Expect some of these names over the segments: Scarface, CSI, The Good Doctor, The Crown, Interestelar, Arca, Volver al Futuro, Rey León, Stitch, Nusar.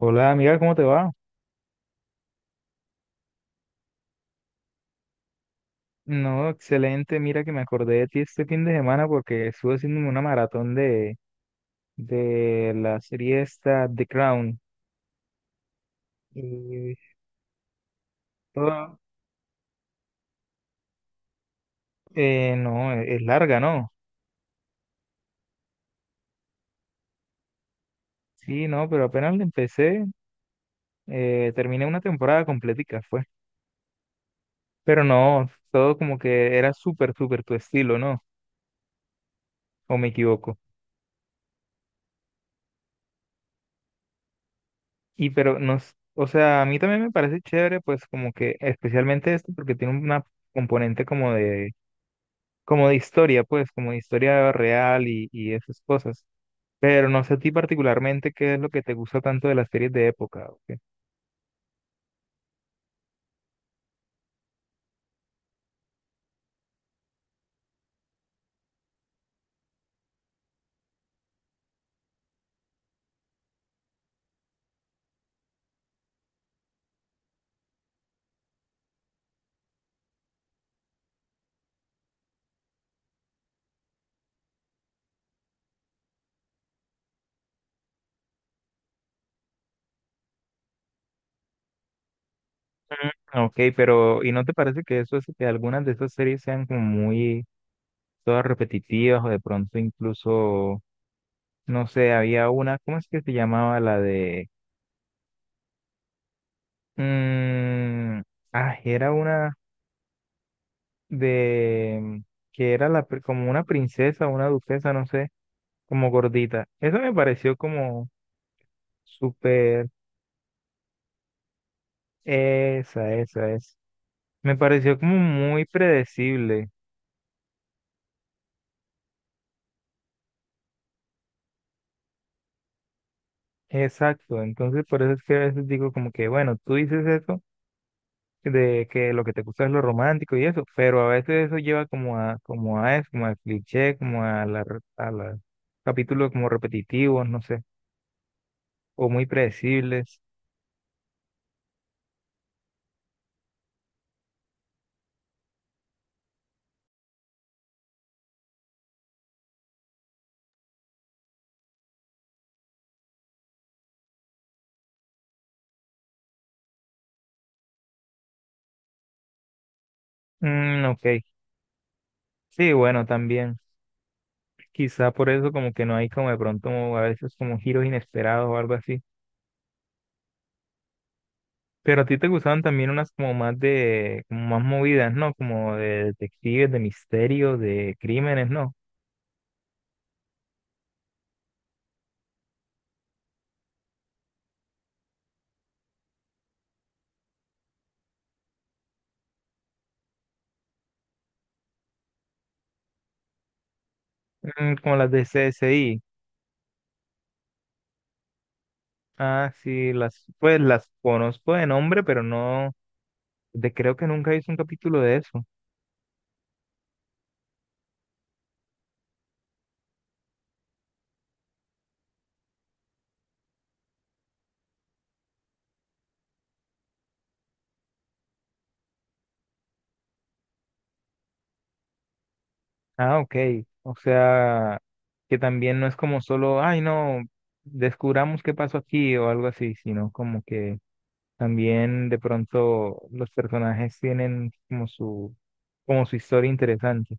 Hola amiga, ¿cómo te va? No, excelente. Mira que me acordé de ti este fin de semana porque estuve haciéndome una maratón de la serie esta The Crown. Y todo, no, es larga, ¿no? Sí, no, pero apenas la empecé, terminé una temporada completica, fue. Pero no, todo como que era súper, súper tu estilo, ¿no? ¿O me equivoco? Y pero nos, o sea, a mí también me parece chévere, pues como que especialmente esto porque tiene una componente como de historia, pues, como de historia real y esas cosas. Pero no sé a ti particularmente qué es lo que te gusta tanto de las series de época. Ok. Mm, ok, pero ¿y no te parece que eso es que algunas de esas series sean como muy todas repetitivas o de pronto incluso, no sé, había una, ¿cómo es que se llamaba la de, mm, ah, era una de, que era la, como una princesa, una duquesa, no sé, como gordita. Eso me pareció como súper. Esa es. Me pareció como muy predecible. Exacto. Entonces, por eso es que a veces digo como que, bueno, tú dices eso de que lo que te gusta es lo romántico y eso, pero a veces eso lleva como a, como a eso, como a cliché, como a la, a la capítulos como repetitivos, no sé, o muy predecibles. Mm, ok. Sí, bueno, también. Quizá por eso como que no hay como de pronto a veces como giros inesperados o algo así. Pero a ti te gustaban también unas como más de, como más movidas, ¿no? Como de detectives, de misterio, de crímenes, ¿no? Mm, como las de CSI. Ah, sí, las, pues las conozco de nombre, pero no, de creo que nunca hice un capítulo de eso. Ah, ok. O sea, que también no es como solo, ay, no, descubramos qué pasó aquí o algo así, sino como que también de pronto los personajes tienen como su historia interesante.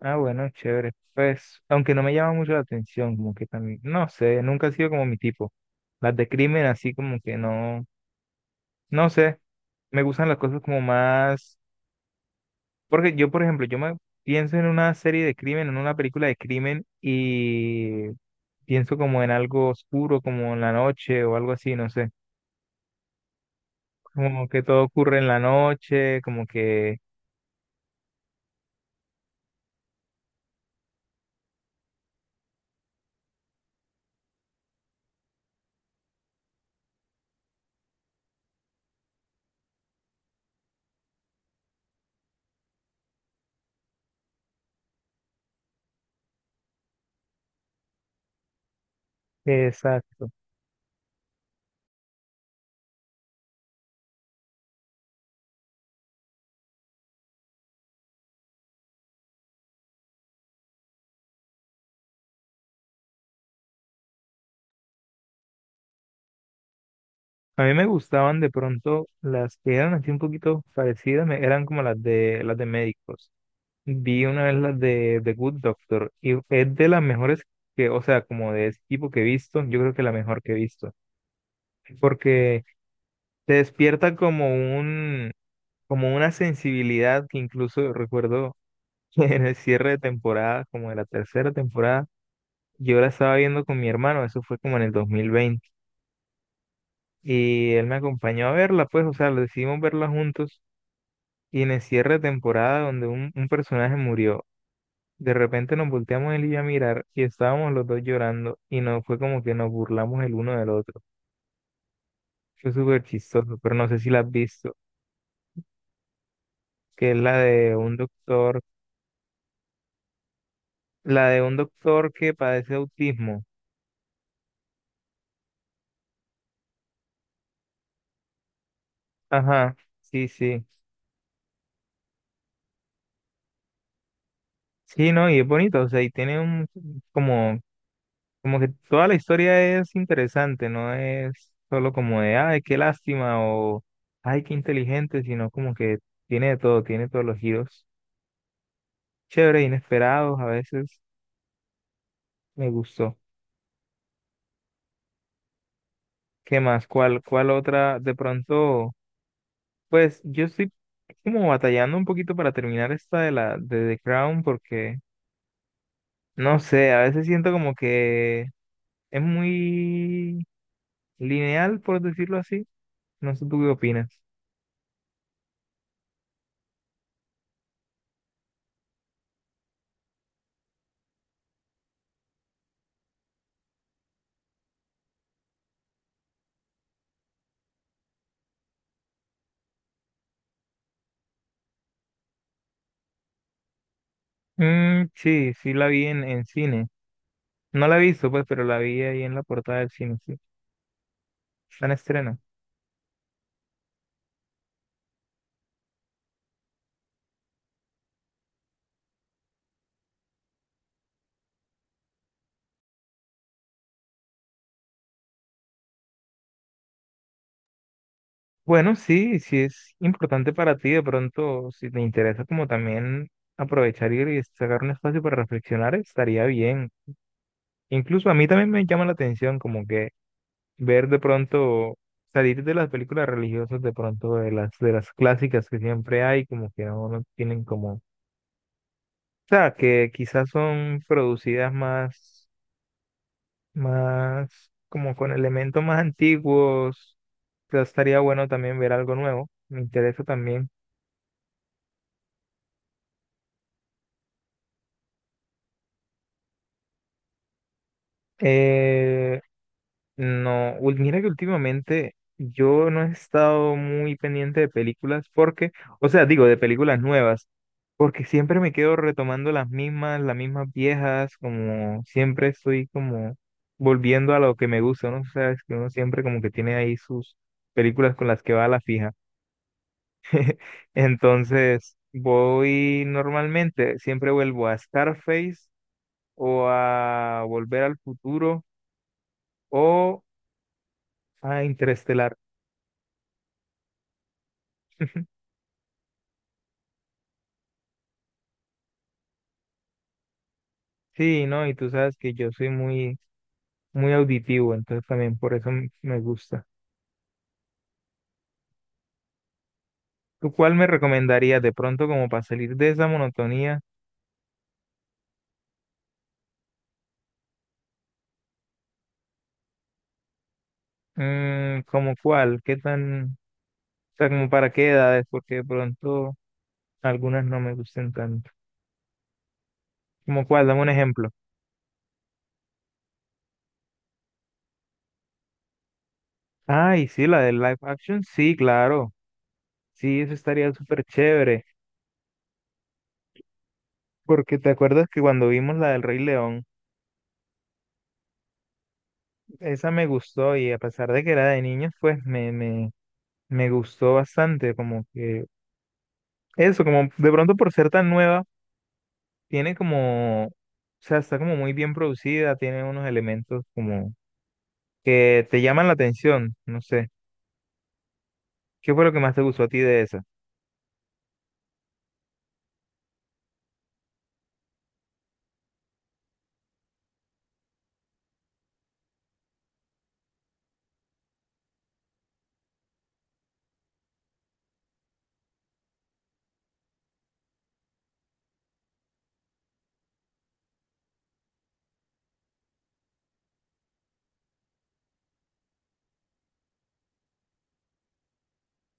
Ah, bueno, chévere. Pues, aunque no me llama mucho la atención, como que también, no sé, nunca ha sido como mi tipo. Las de crimen, así como que no, no sé, me gustan las cosas como más, porque yo, por ejemplo, yo me pienso en una serie de crimen, en una película de crimen y pienso como en algo oscuro, como en la noche o algo así, no sé, como que todo ocurre en la noche, como que, exacto. A mí me gustaban de pronto las que eran así un poquito parecidas, eran como las de médicos. Vi una vez las de The Good Doctor y es de las mejores que, o sea, como de ese tipo que he visto, yo creo que la mejor que he visto, porque te despierta como un como una sensibilidad que incluso recuerdo que en el cierre de temporada, como de la tercera temporada, yo la estaba viendo con mi hermano, eso fue como en el 2020 y él me acompañó a verla, pues, o sea, lo decidimos verla juntos. Y en el cierre de temporada donde un personaje murió, de repente nos volteamos él y yo a mirar y estábamos los dos llorando y no fue como que nos burlamos el uno del otro. Fue súper chistoso, pero no sé si la has visto, que es la de un doctor, la de un doctor que padece autismo. Ajá, sí, sí. Sí, no, y es bonito, o sea, y tiene un, como. Como que toda la historia es interesante, no es solo como de, ay, qué lástima o ay, qué inteligente, sino como que tiene de todo, tiene todos los giros chéveres, inesperados, a veces me gustó. ¿Qué más? ¿Cuál, cuál otra? De pronto, pues yo estoy como batallando un poquito para terminar esta de la de The Crown porque, no sé, a veces siento como que es muy lineal, por decirlo así. No sé tú qué opinas. Mm, sí, sí la vi en cine. No la he visto, pues, pero la vi ahí en la portada del cine, sí. Está en estreno. Bueno, sí, sí es importante para ti, de pronto, si te interesa como también aprovechar y sacar un espacio para reflexionar, estaría bien. Incluso a mí también me llama la atención como que ver de pronto, salir de las películas religiosas, de pronto de las clásicas que siempre hay, como que no, no tienen como, o sea, que quizás son producidas más como con elementos más antiguos, pero estaría bueno también ver algo nuevo, me interesa también. Eh, no, mira que últimamente yo no he estado muy pendiente de películas porque, o sea, digo, de películas nuevas, porque siempre me quedo retomando las mismas viejas, como siempre estoy como volviendo a lo que me gusta, ¿no? O sea, es que uno siempre como que tiene ahí sus películas con las que va a la fija. Entonces, voy normalmente, siempre vuelvo a Scarface o a Volver al Futuro o a Interestelar. Sí, ¿no? Y tú sabes que yo soy muy, muy auditivo, entonces también por eso me gusta. ¿Tú cuál me recomendarías de pronto como para salir de esa monotonía? Mm, ¿cómo cuál? ¿Qué tan, o sea, como para qué edades? Porque de pronto algunas no me gustan tanto. ¿Cómo cuál? Dame un ejemplo. Ay, sí, la del live action, sí, claro. Sí, eso estaría súper chévere, porque te acuerdas que cuando vimos la del Rey León, esa me gustó y a pesar de que era de niños, pues me gustó bastante, como que eso, como de pronto por ser tan nueva, tiene como, o sea, está como muy bien producida, tiene unos elementos como que te llaman la atención, no sé, ¿qué fue lo que más te gustó a ti de esa?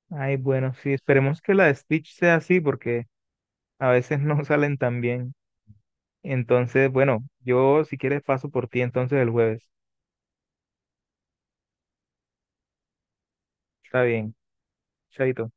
Ay, bueno, sí, esperemos que la de Stitch sea así, porque a veces no salen tan bien. Entonces, bueno, yo si quieres paso por ti entonces el jueves. Está bien, chaito.